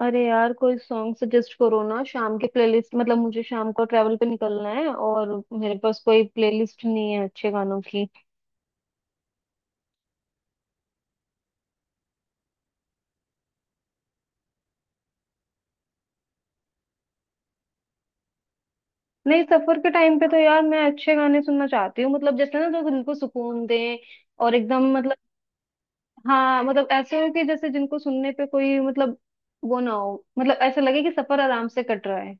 अरे यार कोई सॉन्ग सजेस्ट करो ना शाम के प्लेलिस्ट मतलब मुझे शाम को ट्रैवल पे निकलना है। और मेरे पास कोई प्लेलिस्ट नहीं है अच्छे गानों की। नहीं, सफर के टाइम पे तो यार मैं अच्छे गाने सुनना चाहती हूँ मतलब जैसे ना जो दिल को सुकून दें। और एकदम मतलब हाँ मतलब ऐसे हो कि जैसे जिनको सुनने पे कोई मतलब वो ना हो मतलब ऐसा लगे कि सफर आराम से कट रहा है।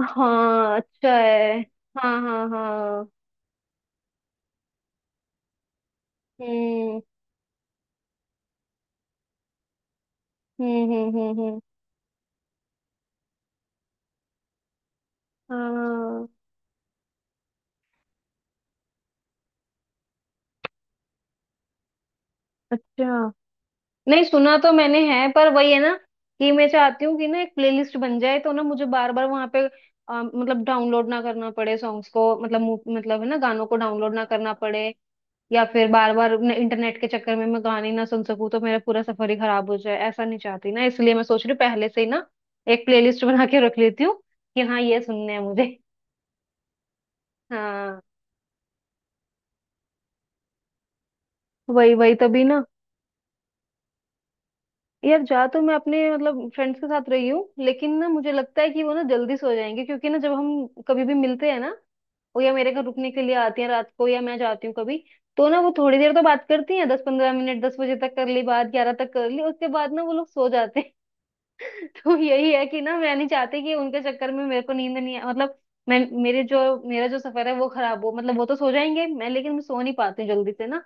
हाँ अच्छा है। हाँ हाँ हाँ। हम्म हम्म। हाँ। अच्छा, नहीं सुना तो मैंने है पर वही है ना कि मैं चाहती हूँ कि ना एक प्लेलिस्ट बन जाए तो ना मुझे बार बार वहां पे मतलब डाउनलोड ना करना पड़े सॉन्ग्स को मतलब मतलब है ना गानों को डाउनलोड ना करना पड़े। या फिर बार बार इंटरनेट के चक्कर में मैं गाने ना सुन सकूँ तो मेरा पूरा सफर ही खराब हो जाए, ऐसा नहीं चाहती ना, इसलिए मैं सोच रही हूँ पहले से ही ना एक प्लेलिस्ट बना के रख लेती हूँ कि हाँ ये सुनने हैं मुझे। हाँ वही वही तभी ना। यार जा तो मैं अपने मतलब फ्रेंड्स के साथ रही हूँ लेकिन ना मुझे लगता है कि वो ना जल्दी सो जाएंगे क्योंकि ना जब हम कभी भी मिलते हैं ना, वो या मेरे घर रुकने के लिए आती हैं रात को या मैं जाती हूँ कभी, तो ना वो थोड़ी देर तो बात करती हैं 10-15 मिनट, 10 बजे तक कर ली बात, 11 तक कर ली, उसके बाद ना वो लोग सो जाते हैं। तो यही है कि ना मैं नहीं चाहती कि उनके चक्कर में मेरे को नींद नहीं आए मतलब मैं मेरे जो, मेरा जो सफर है वो खराब हो, मतलब वो तो सो जाएंगे मैं, लेकिन मैं सो नहीं पाती हूँ जल्दी से ना,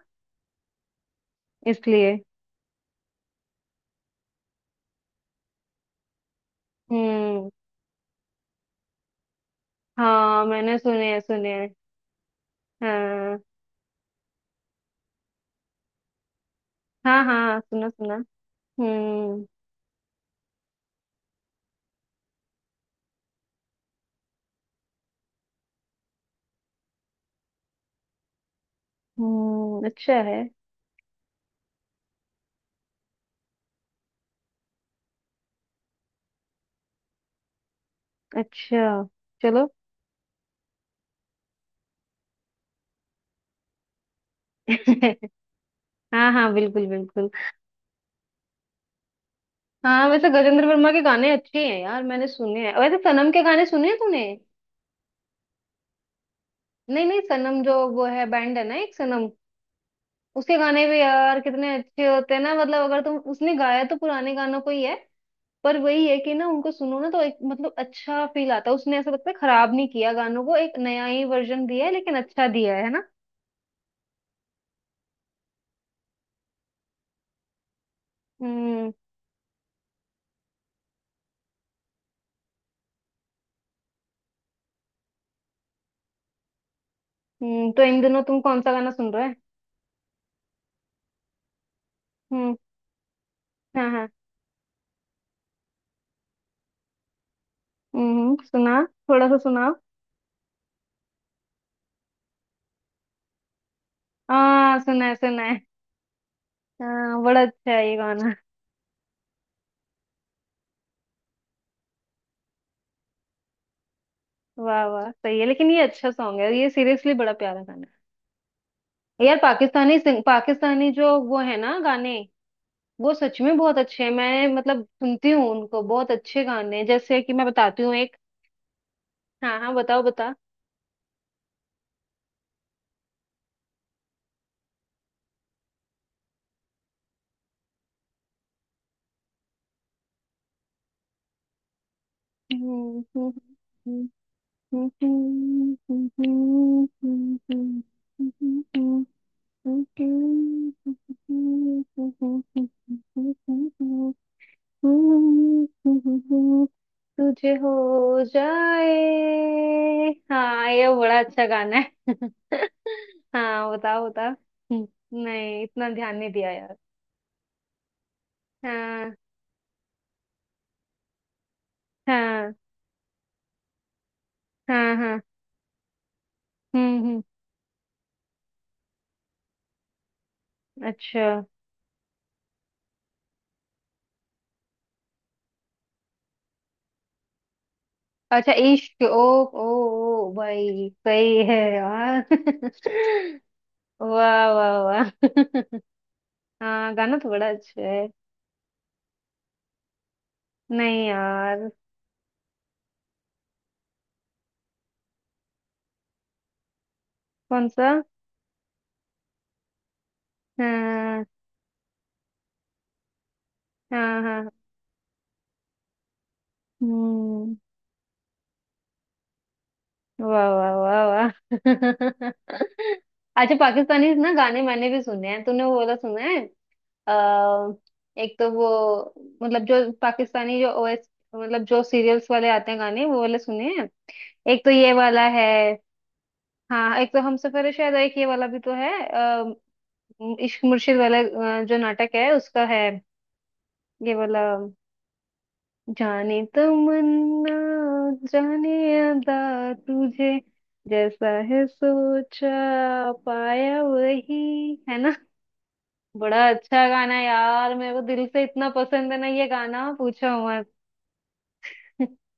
इसलिए। हम्म। हाँ मैंने सुने हैं सुने हैं। हाँ हाँ हाँ सुना सुना। हम्म अच्छा है। अच्छा चलो। हाँ हाँ बिल्कुल बिल्कुल। हाँ वैसे गजेंद्र वर्मा के गाने अच्छे हैं यार, मैंने सुने हैं। वैसे सनम के गाने सुने हैं तूने? नहीं नहीं, सनम जो वो है बैंड है ना एक सनम। उसके गाने भी यार कितने अच्छे होते हैं ना, मतलब अगर तुम उसने गाया तो पुराने गानों को ही है, पर वही है कि ना उनको सुनो ना तो एक मतलब अच्छा फील आता है, उसने ऐसा लगता है खराब नहीं किया गानों को, एक नया ही वर्जन दिया है लेकिन अच्छा दिया है ना। हम्म। तो इन दिनों तुम कौन सा गाना सुन रहे हो? हम्म हाँ हाँ। सुना। थोड़ा सा सुनाओ। हाँ सुना है सुना है। हाँ बड़ा अच्छा है ये गाना। वाह वाह सही है, लेकिन ये अच्छा सॉन्ग है ये, सीरियसली बड़ा प्यारा गाना है यार, पाकिस्तानी सिंग, पाकिस्तानी जो वो है ना गाने, वो सच में बहुत अच्छे हैं, मैं मतलब सुनती हूँ उनको, बहुत अच्छे गाने हैं। जैसे कि मैं बताती हूँ एक। हाँ हाँ बताओ बता। तुझे हो जाए। हाँ ये बड़ा अच्छा गाना है। हाँ बताओ बताओ। नहीं इतना ध्यान नहीं दिया यार। हाँ हाँ हाँ हाँ। हम्म। अच्छा। अच्छा इश्क, ओ ओ ओ, भाई सही है यार। वाह वाह वाह। हाँ गाना तो बड़ा अच्छा है। नहीं यार। कौन सा? हाँ हाँ हाँ। हम्म। वाह वाह वाह वाह। अच्छा पाकिस्तानी ना गाने मैंने भी सुने हैं, तूने वो वाला सुना है? अ, एक तो वो मतलब जो पाकिस्तानी जो ओएस, मतलब जो सीरियल्स वाले आते हैं गाने वो वाले सुने हैं। एक तो ये वाला है। हाँ एक तो हम सफर है शायद, एक ये वाला भी तो है इश्क मुर्शिद वाला, जो नाटक है उसका है, ये वाला जाने तमन्ना, जाने अदा, तुझे, जैसा है सोचा पाया, वही है ना। बड़ा अच्छा गाना है यार, मेरे को दिल से इतना पसंद है ना ये गाना, पूछो मत।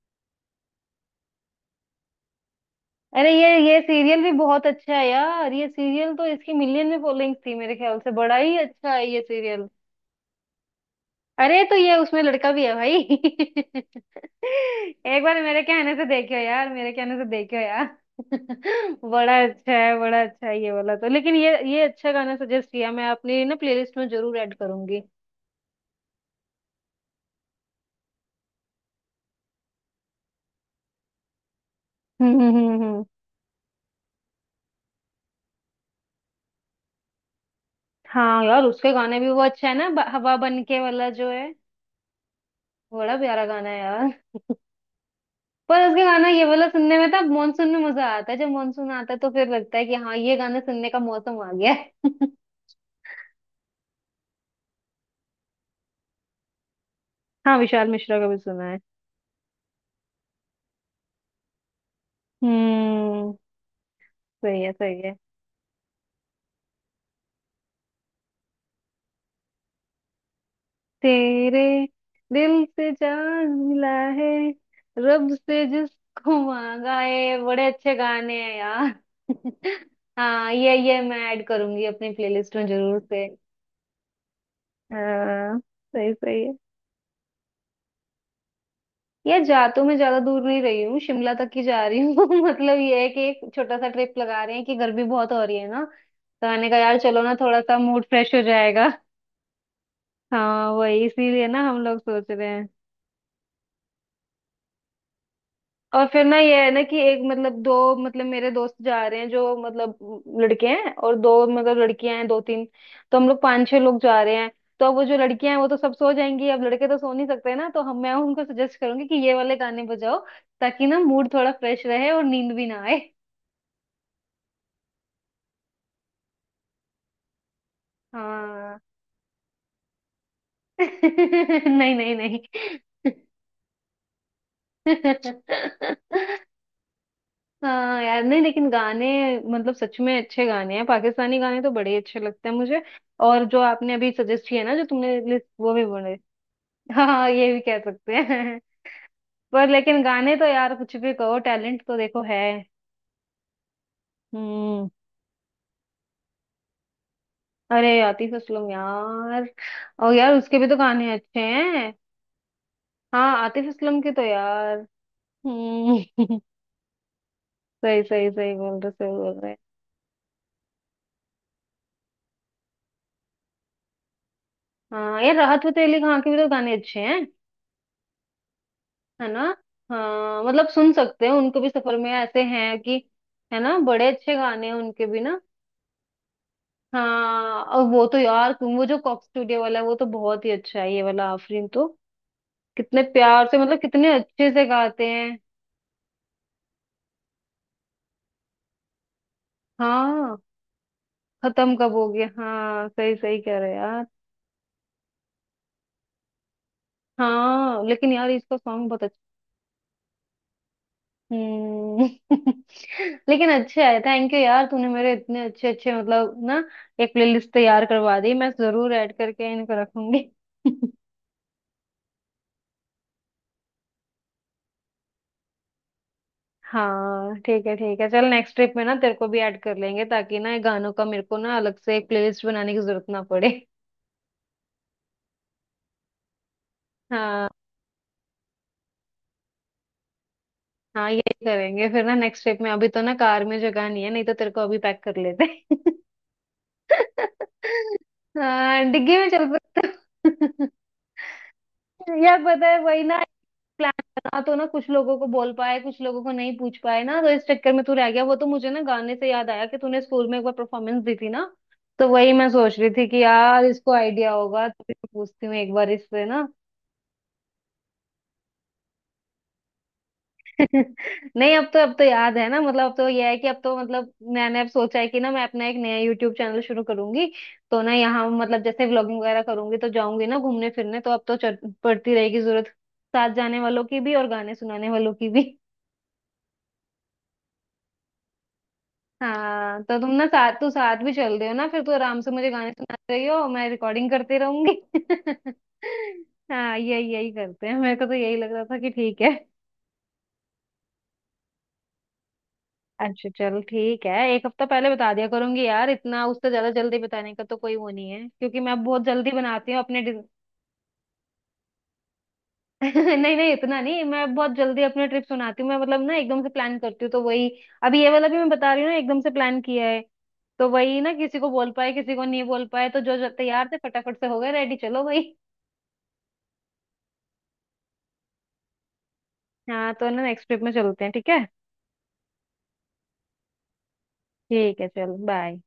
अरे ये सीरियल भी बहुत अच्छा है यार, ये सीरियल तो इसकी मिलियन में फॉलोइंग थी मेरे ख्याल से, बड़ा ही अच्छा है ये सीरियल। अरे तो ये उसमें लड़का भी है भाई। एक बार मेरे कहने से देखियो यार, मेरे कहने से देखियो यार। बड़ा अच्छा है, बड़ा अच्छा है ये वाला तो। लेकिन ये अच्छा गाना सजेस्ट किया, मैं अपनी ना प्लेलिस्ट में जरूर ऐड करूंगी। हम्म हम्म हम्म हम्म। हाँ यार उसके गाने भी वो अच्छा है ना, हवा बनके वाला जो है, बड़ा प्यारा गाना है यार। पर उसके गाना ये वाला सुनने में तो मानसून में मजा आता है, जब मानसून आता है तो फिर लगता है कि हाँ ये गाना सुनने का मौसम आ गया है। हाँ विशाल मिश्रा का भी सुना है। हम्म। सही है सही है। तेरे दिल से जान मिला है, रब से जिसको मांगा है, बड़े अच्छे गाने हैं यार। हाँ ये मैं ऐड करूंगी अपनी प्लेलिस्ट में जरूर से। हाँ सही सही है। यार जा तो मैं ज्यादा दूर नहीं रही हूँ, शिमला तक ही जा रही हूँ। मतलब ये है कि एक छोटा सा ट्रिप लगा रहे हैं कि गर्मी बहुत हो रही है ना, तो मैंने कहा यार चलो ना थोड़ा सा मूड फ्रेश हो जाएगा। हाँ वही इसीलिए ना हम लोग सोच रहे हैं। और फिर ना ये है ना कि एक मतलब दो, मतलब मेरे दोस्त जा रहे हैं जो मतलब लड़के हैं और दो मतलब लड़कियां हैं दो तीन, तो हम लोग पांच छह लोग जा रहे हैं। तो अब वो जो लड़कियां हैं वो तो सब सो जाएंगी, अब लड़के तो सो नहीं सकते ना, तो हम मैं उनको सजेस्ट करूंगी कि ये वाले गाने बजाओ ताकि ना मूड थोड़ा फ्रेश रहे और नींद भी ना आए। हाँ। नहीं नहीं नहीं। हाँ यार नहीं, लेकिन गाने मतलब सच में अच्छे गाने हैं, पाकिस्तानी गाने तो बड़े अच्छे लगते हैं मुझे। और जो आपने अभी सजेस्ट किया ना जो तुमने लिस्ट, वो भी बड़े। हाँ हाँ, ये भी कह सकते हैं। पर लेकिन गाने तो यार कुछ भी कहो, टैलेंट तो देखो है। हम्म। अरे आतिफ असलम यार, और यार उसके भी तो गाने अच्छे हैं। हाँ आतिफ असलम के तो यार। हम्म। सही सही सही बोल रहे, सही बोल रहे। हाँ यार राहत फतेह अली खान के भी तो गाने अच्छे हैं। है ना। हाँ मतलब सुन सकते हैं उनको भी सफर में, ऐसे हैं कि, है ना बड़े अच्छे गाने हैं उनके भी ना। हाँ और वो तो यार तुम वो जो कॉक स्टूडियो वाला है वो तो बहुत ही अच्छा है ये वाला आफरीन तो, कितने प्यार से मतलब कितने अच्छे से गाते हैं। हाँ खत्म कब हो गया, हाँ सही सही कह रहे हो यार। हाँ लेकिन यार इसका सॉन्ग बहुत। हम्म। लेकिन अच्छा है, थैंक यू यार तूने मेरे इतने अच्छे अच्छे मतलब ना एक प्लेलिस्ट तैयार करवा दी, मैं जरूर ऐड करके इनको रखूंगी। हाँ ठीक है ठीक है, चल नेक्स्ट ट्रिप में ना तेरे को भी ऐड कर लेंगे ताकि ना ये गानों का मेरे को ना अलग से एक प्लेलिस्ट बनाने की जरूरत ना पड़े। हाँ हाँ ये करेंगे फिर ना नेक्स्ट ट्रिप में, अभी तो ना कार में जगह नहीं है नहीं तो तेरे को अभी पैक कर लेते। हाँ डिग्गी में चल सकते हो। यार पता है वही ना, प्लान बना तो ना कुछ लोगों को बोल पाए कुछ लोगों को नहीं पूछ पाए ना, तो इस चक्कर में तू रह गया। वो तो मुझे ना गाने से याद आया कि तूने स्कूल में एक बार परफॉर्मेंस दी थी ना, तो वही मैं सोच रही थी कि यार इसको आइडिया होगा तो फिर मैं पूछती हूँ एक बार इससे ना। नहीं अब तो, अब तो याद है ना, मतलब अब तो यह है कि अब तो मतलब मैंने अब सोचा है कि ना मैं अपना एक नया यूट्यूब चैनल शुरू करूंगी, तो ना यहाँ मतलब जैसे व्लॉगिंग वगैरह करूंगी तो जाऊंगी ना घूमने फिरने, तो अब तो पड़ती रहेगी जरूरत साथ जाने वालों की भी और गाने सुनाने वालों की भी। हाँ तो तुम ना साथ तो साथ भी चल रहे हो ना, फिर तो आराम से मुझे गाने सुना रही हो मैं रिकॉर्डिंग करते रहूंगी। हाँ यही यही करते हैं, मेरे को तो यही लग रहा था कि ठीक है। अच्छा चल ठीक है, एक हफ्ता पहले बता दिया करूंगी यार, इतना, उससे ज्यादा जल्दी बताने का तो कोई वो नहीं है क्योंकि मैं बहुत जल्दी बनाती हूँ अपने। नहीं नहीं इतना नहीं, मैं बहुत जल्दी अपना ट्रिप सुनाती हूँ मैं, मतलब ना एकदम से प्लान करती हूँ, तो वही अभी ये वाला भी मैं बता रही हूँ ना एकदम से प्लान किया है, तो वही ना किसी को बोल पाए किसी को नहीं बोल पाए, तो जो जो तैयार थे फटाफट से हो गए रेडी चलो भाई। हाँ तो ना नेक्स्ट ट्रिप में चलते हैं ठीक है। ठीक है चलो बाय।